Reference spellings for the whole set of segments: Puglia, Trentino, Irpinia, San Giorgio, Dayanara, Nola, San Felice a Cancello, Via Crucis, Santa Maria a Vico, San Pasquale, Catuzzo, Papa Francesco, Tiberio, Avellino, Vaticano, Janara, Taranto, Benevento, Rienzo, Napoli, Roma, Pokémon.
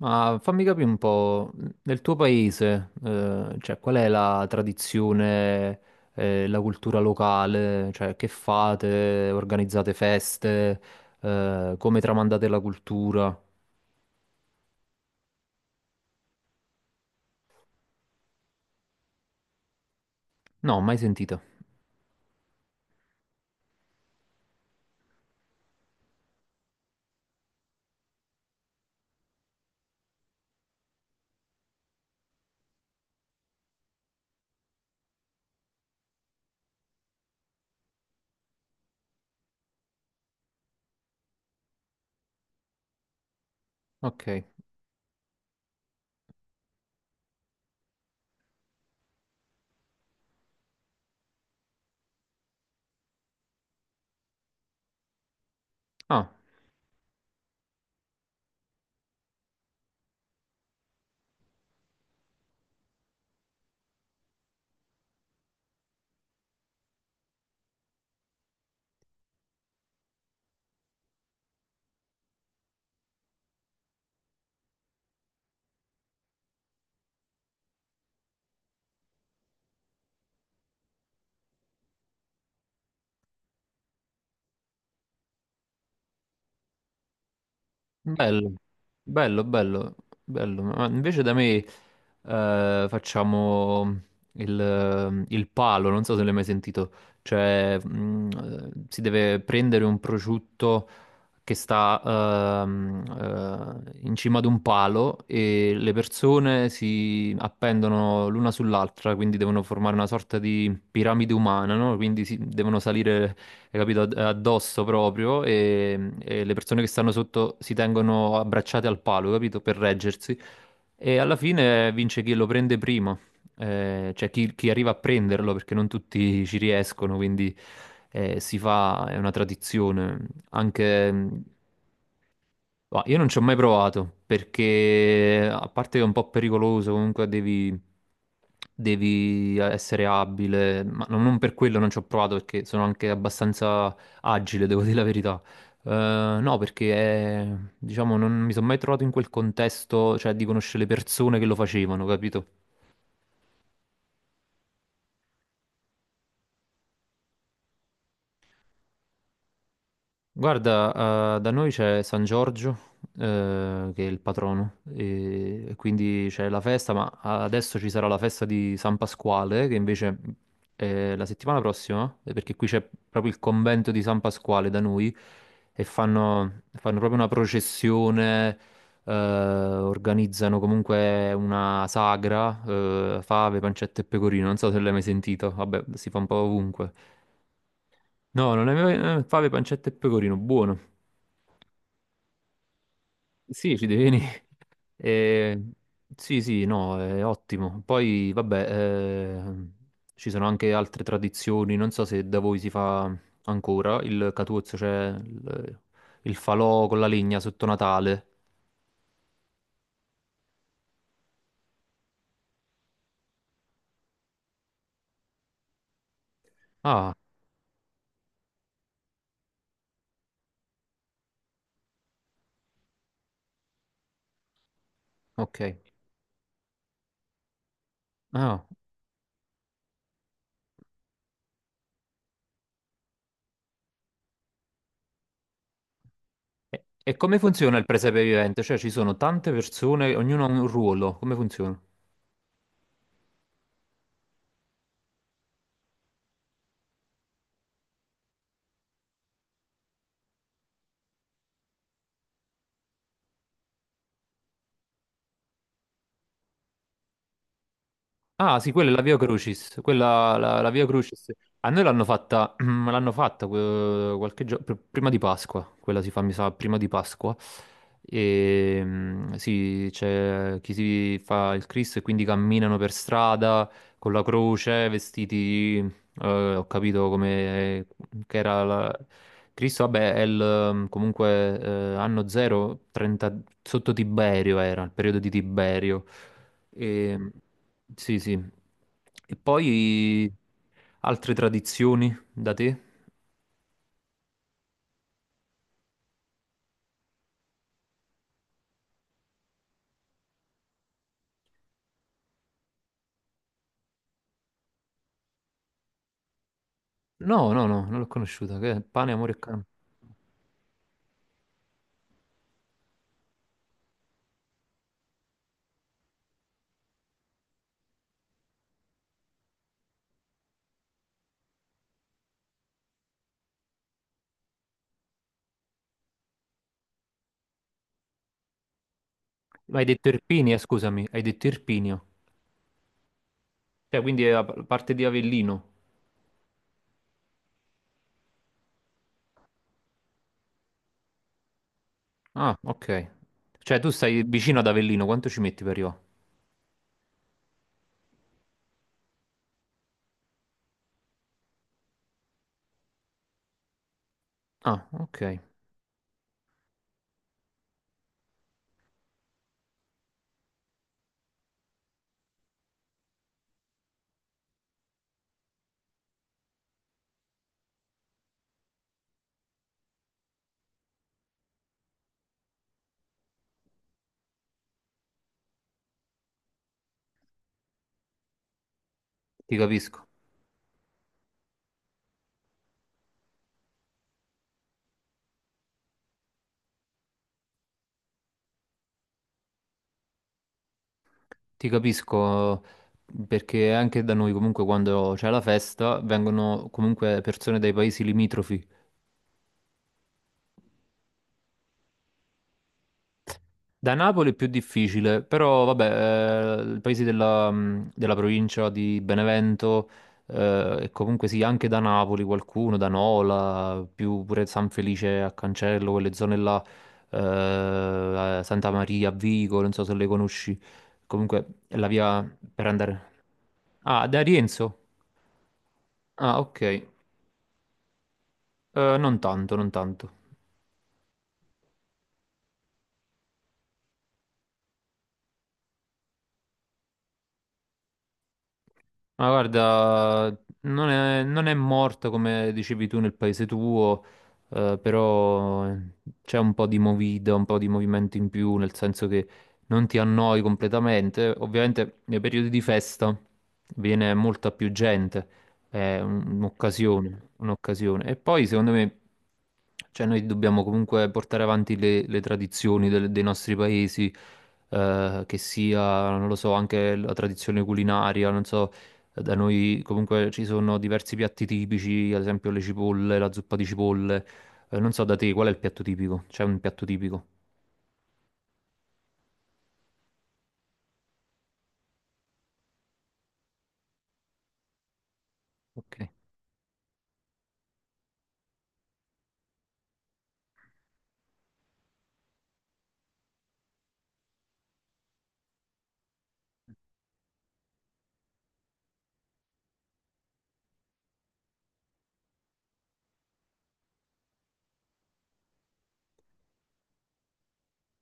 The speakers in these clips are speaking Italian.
Ma fammi capire un po', nel tuo paese, qual è la tradizione, la cultura locale? Cioè, che fate? Organizzate feste? Come tramandate la cultura? No, mai sentita. Ok. Ah, bello, bello, bello, bello. Ma invece da me, facciamo il palo, non so se l'hai mai sentito. Cioè, si deve prendere un prosciutto che sta in cima ad un palo e le persone si appendono l'una sull'altra, quindi devono formare una sorta di piramide umana, no? Devono salire, hai capito, addosso proprio e le persone che stanno sotto si tengono abbracciate al palo, capito, per reggersi. E alla fine vince chi lo prende prima, chi arriva a prenderlo, perché non tutti ci riescono, quindi si fa, è una tradizione, anche... Ma io non ci ho mai provato perché, a parte che è un po' pericoloso, comunque devi, devi essere abile, ma non per quello non ci ho provato perché sono anche abbastanza agile, devo dire la verità. No, perché diciamo non mi sono mai trovato in quel contesto, cioè di conoscere le persone che lo facevano, capito? Guarda, da noi c'è San Giorgio, che è il patrono, e quindi c'è la festa, ma adesso ci sarà la festa di San Pasquale, che invece è la settimana prossima, perché qui c'è proprio il convento di San Pasquale da noi, e fanno proprio una processione, organizzano comunque una sagra, fave, pancetta e pecorino, non so se l'hai mai sentito, vabbè, si fa un po' ovunque. No, non è mai... fave, pancetta e pecorino, buono. Sì, ci devi venire. Eh, sì, sì, no, è ottimo. Poi, vabbè, ci sono anche altre tradizioni. Non so se da voi si fa ancora il Catuzzo, cioè il falò con la legna sotto Natale. Ah, ok. Ah. E come funziona il presepe vivente? Cioè, ci sono tante persone, ognuno ha un ruolo. Come funziona? Ah, sì, quella è la Via Crucis. La Via Crucis. A noi l'hanno fatta, l'hanno fatta qualche giorno, prima di Pasqua. Quella si fa, mi sa, prima di Pasqua. E, mm, sì, c'è chi si fa il Cristo e quindi camminano per strada con la croce, vestiti, ho capito come che era la... Cristo, vabbè, è il, comunque anno 0, 30, sotto Tiberio era, il periodo di Tiberio. E, sì, sì. E poi altre tradizioni da te? No, no, no, non l'ho conosciuta. Che è pane, amore e canto. Ma hai detto Irpinia, scusami, hai detto Irpinio. Cioè, quindi è la parte di Avellino. Ah, ok. Cioè, tu stai vicino ad Avellino, quanto ci metti per arrivare? Ah, ok, ti capisco. Ti capisco perché anche da noi comunque quando c'è la festa vengono comunque persone dai paesi limitrofi. Da Napoli è più difficile, però vabbè, i paesi della, della provincia di Benevento e comunque sì, anche da Napoli qualcuno, da Nola, più pure San Felice a Cancello, quelle zone là, Santa Maria a Vico, non so se le conosci, comunque è la via per andare... Ah, da Rienzo? Ah, ok, eh, non tanto, non tanto. Ma guarda, non è morto come dicevi tu nel paese tuo, però c'è un po' di movida, un po' di movimento in più, nel senso che non ti annoi completamente. Ovviamente nei periodi di festa viene molta più gente, è un'occasione, un'occasione. E poi secondo me, cioè noi dobbiamo comunque portare avanti le tradizioni dei nostri paesi, che sia, non lo so, anche la tradizione culinaria, non so, da noi comunque ci sono diversi piatti tipici, ad esempio le cipolle, la zuppa di cipolle. Non so da te qual è il piatto tipico? C'è un piatto tipico? Ok.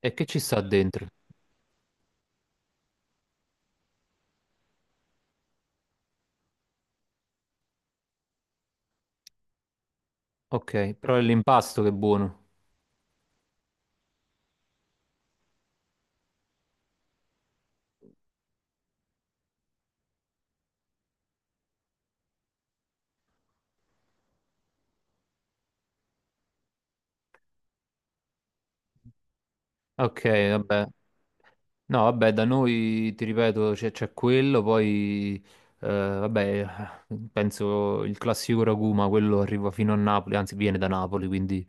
E che ci sta dentro? Ok, però è l'impasto che è buono. Ok, vabbè. No, vabbè, da noi ti ripeto, c'è quello, poi vabbè, penso il classico ragù, ma quello arriva fino a Napoli, anzi viene da Napoli, quindi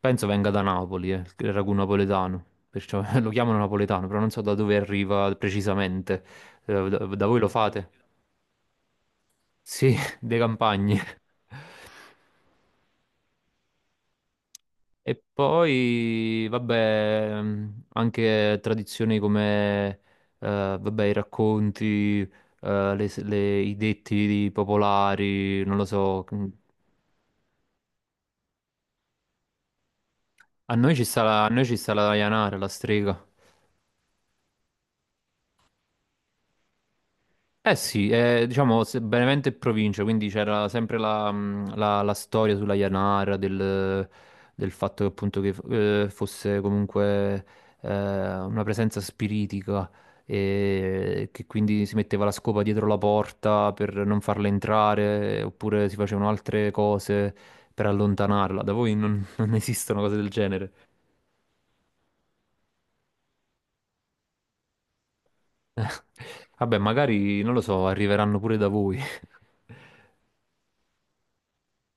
penso venga da Napoli, il ragù napoletano, perciò lo chiamano napoletano, però non so da dove arriva precisamente. Da voi lo fate? Sì, dei campagne. E poi, vabbè, anche tradizioni come, vabbè, i racconti, i detti popolari, non lo so. A noi ci sta la Dayanara, la strega. Eh sì, diciamo Benevento e provincia, quindi c'era sempre la, la storia sulla Janara del, del fatto che appunto che fosse comunque eh, una presenza spiritica e che quindi si metteva la scopa dietro la porta per non farla entrare oppure si facevano altre cose per allontanarla. Da voi non, non esistono cose del genere. Vabbè, magari non lo so, arriveranno pure da voi.